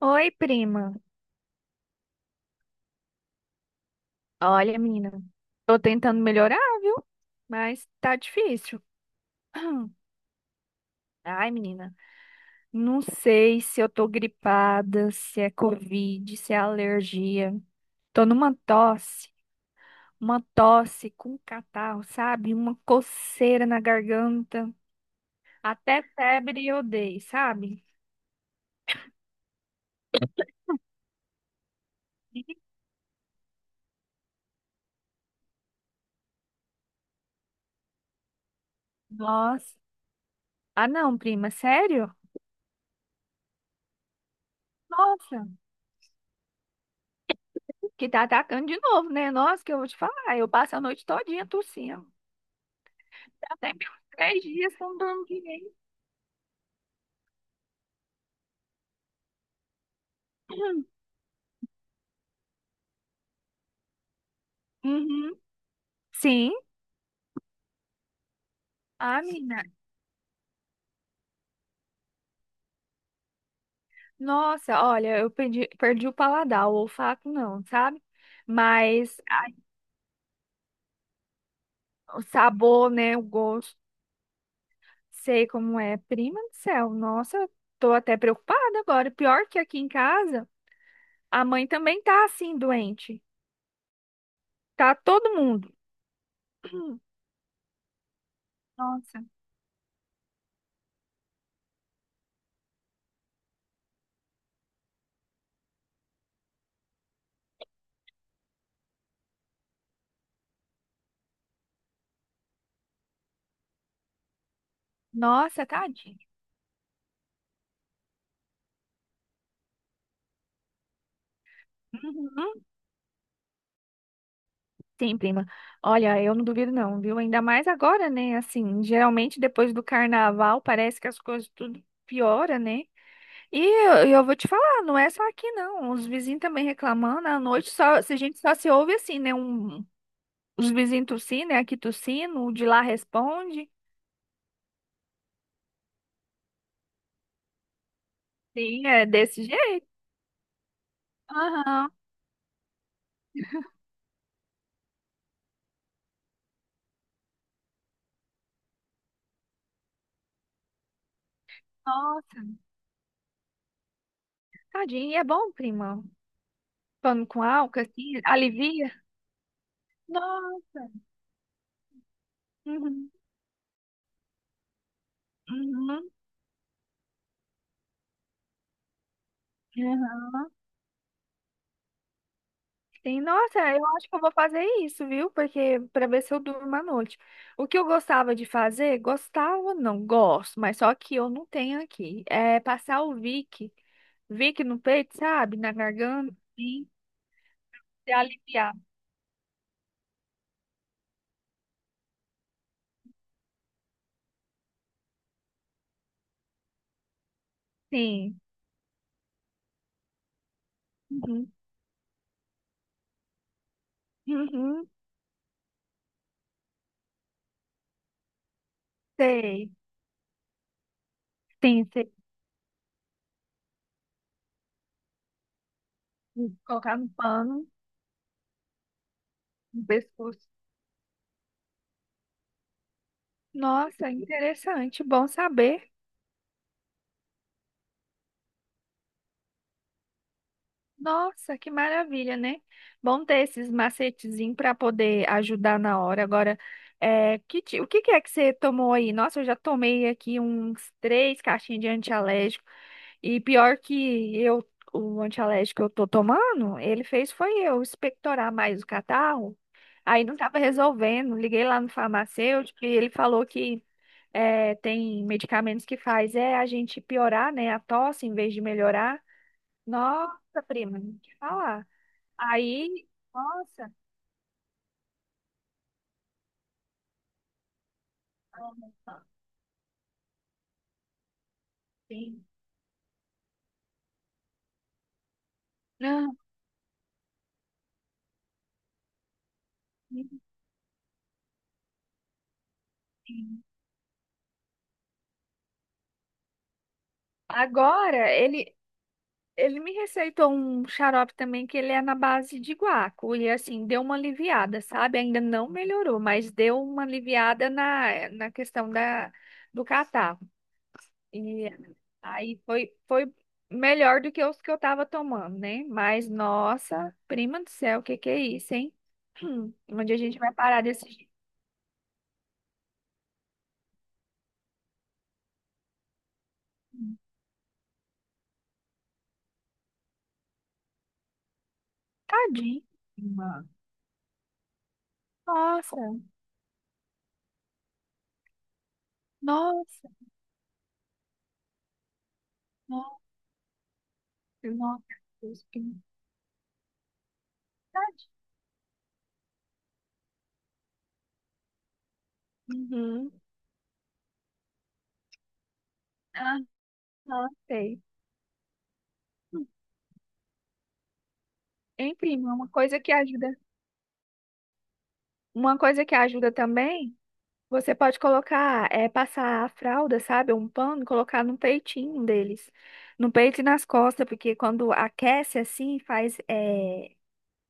Oi, prima. Olha, menina, tô tentando melhorar, viu? Mas tá difícil. Ai, menina, não sei se eu tô gripada, se é Covid, se é alergia. Tô numa tosse, uma tosse com catarro, sabe? Uma coceira na garganta. Até febre eu dei, sabe? Nossa. Ah, não, prima, sério? Nossa, que tá atacando de novo, né? Nossa, que eu vou te falar. Eu passo a noite todinha tossindo. Até meus 3 dias que eu não dormi direito. Uhum. Sim. Ah, menina. Nossa, olha, eu perdi o paladar, o olfato não, sabe? Mas ai, o sabor, né? O gosto, sei como é. Prima do céu, nossa, eu tô até preocupada agora. Pior que aqui em casa, a mãe também tá assim, doente. Tá todo mundo. Nossa, nossa, tadinha. Uhum. Sim, prima. Olha, eu não duvido não, viu? Ainda mais agora, né? Assim, geralmente depois do carnaval parece que as coisas tudo piora, né? E eu vou te falar, não é só aqui não. Os vizinhos também reclamando, à noite só, se a gente só se ouve assim, né? Um, os vizinhos tossindo, né? Aqui tossindo, o de lá responde. Sim, é desse jeito. Aham, nossa. Tadinho, e é bom, prima. Pano com álcool, assim, alivia. Nossa. Uhum. Uhum. Sim, nossa, eu acho que eu vou fazer isso, viu? Porque para ver se eu durmo à noite. O que eu gostava de fazer, gostava, não, gosto, mas só que eu não tenho aqui. É passar o Vic, Vic no peito, sabe? Na garganta, sim, se aliviar. Sim. Uhum. Uhum. Sei. Sim, sei. Colocar no pano, no pescoço. Nossa, interessante, bom saber. Nossa, que maravilha, né? Bom ter esses macetezinhos para poder ajudar na hora. Agora, é, o que que é que você tomou aí? Nossa, eu já tomei aqui uns 3 caixinhas de antialérgico. E pior que eu, o antialérgico que eu tô tomando, ele fez foi eu expectorar mais o catarro. Aí não tava resolvendo. Liguei lá no farmacêutico e ele falou que é, tem medicamentos que faz é a gente piorar, né, a tosse em vez de melhorar. Nossa, prima, não te falar. Aí, nossa. Sim. Ah, enfim. Agora, ele me receitou um xarope também que ele é na base de guaco. E assim, deu uma aliviada, sabe? Ainda não melhorou, mas deu uma aliviada na questão da, do catarro. E aí foi melhor do que os que eu tava tomando, né? Mas, nossa, prima do céu, o que que é isso, hein? Onde a gente vai parar desses. Tadinho. Nossa, nossa, nossa, nossa. Deus, que Tadinho. Uhum. Aham, sei. Enfim, uma coisa que ajuda. Uma coisa que ajuda também, você pode colocar, é, passar a fralda, sabe? Um pano, colocar no peitinho deles. No peito e nas costas, porque quando aquece assim, faz, é,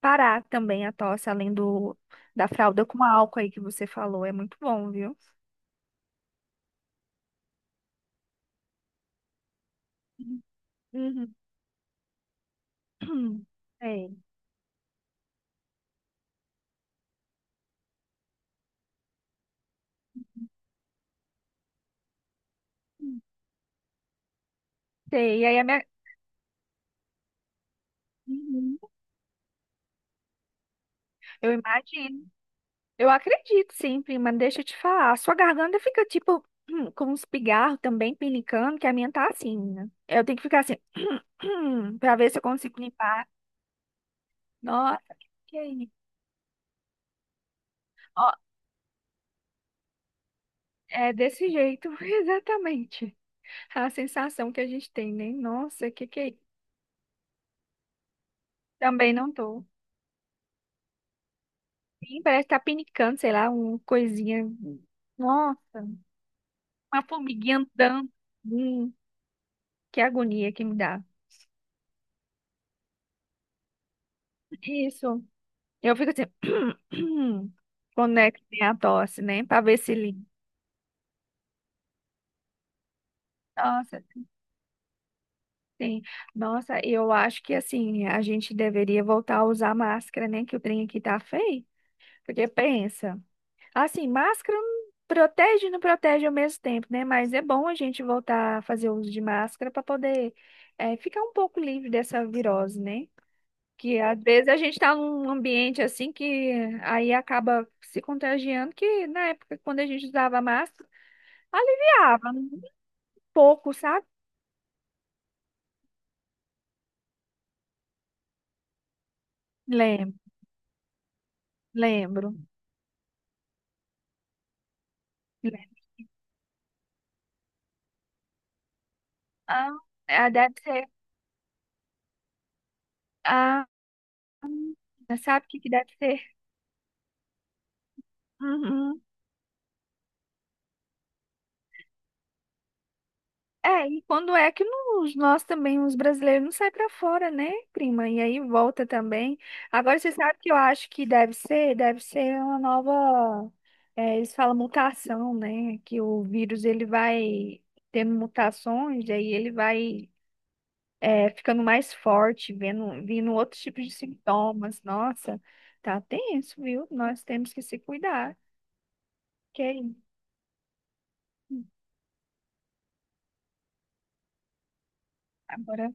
parar também a tosse, além do, da fralda com álcool aí que você falou. É muito bom, viu? Uhum. hum, Sei. Sei. E aí a minha... Uhum. Eu imagino. Eu acredito, sim, prima. Deixa eu te falar. A sua garganta fica tipo com uns pigarros também pinicando, que a minha tá assim, né? Eu tenho que ficar assim pra ver se eu consigo limpar. Nossa, que aí. Ó, é desse jeito, exatamente. A sensação que a gente tem, né? Nossa, que é isso? Também não tô. Sim, parece que tá pinicando, sei lá, uma coisinha. Nossa, uma formiguinha andando. Que agonia que me dá. Isso. Eu fico assim, conectem a tosse, né? Pra ver se limpa. Nossa, sim. Nossa, eu acho que assim, a gente deveria voltar a usar máscara, né? Que o trem aqui tá feio. Porque pensa, assim, máscara não protege e não protege ao mesmo tempo, né? Mas é bom a gente voltar a fazer uso de máscara para poder ficar um pouco livre dessa virose, né? Que às vezes a gente está num ambiente assim que aí acaba se contagiando, que na época, quando a gente usava máscara, aliviava né, um pouco, sabe? Lembro, lembro. Lembro. Ah, é, deve ser. Ah, sabe o que que deve ser? Uhum. É, e quando é que nós também, os brasileiros, não sai para fora, né, prima? E aí volta também. Agora, você sabe que eu acho que deve ser uma nova, é, eles falam mutação, né? Que o vírus, ele vai tendo mutações, e aí ele vai, é, ficando mais forte, vendo, vindo outros tipos de sintomas. Nossa, tá tenso, viu? Nós temos que se cuidar. Que aí, agora...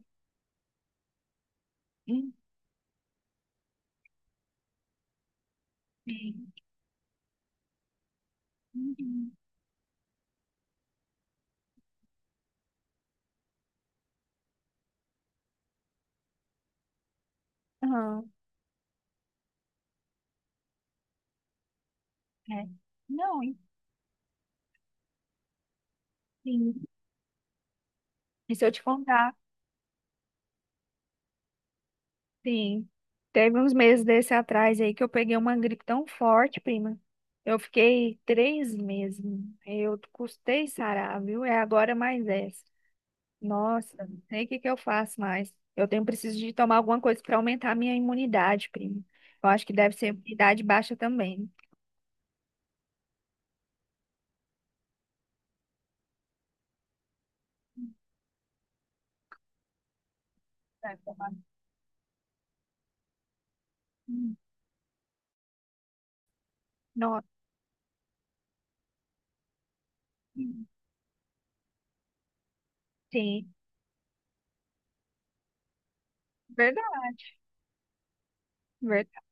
Enfim. Uhum. Aham, é. Não, Sim. E se eu te contar, sim. Teve uns meses desse atrás aí que eu peguei uma gripe tão forte, prima. Eu fiquei 3 meses. Eu custei sarar, viu? É agora mais essa. Nossa, não sei o que que eu faço mais. Eu tenho preciso de tomar alguma coisa para aumentar a minha imunidade, prima. Eu acho que deve ser imunidade baixa também. Tá bom. Hum, Nossa, sim, sim. verdade, verdade.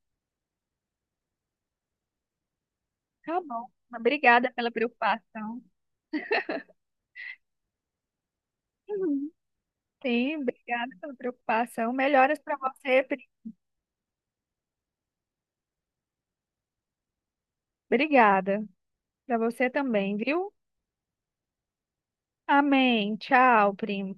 Tá bom. Obrigada pela preocupação. Sim, obrigada pela preocupação. Melhoras para você, pri- obrigada. Para você também, viu? Amém. Tchau, primo.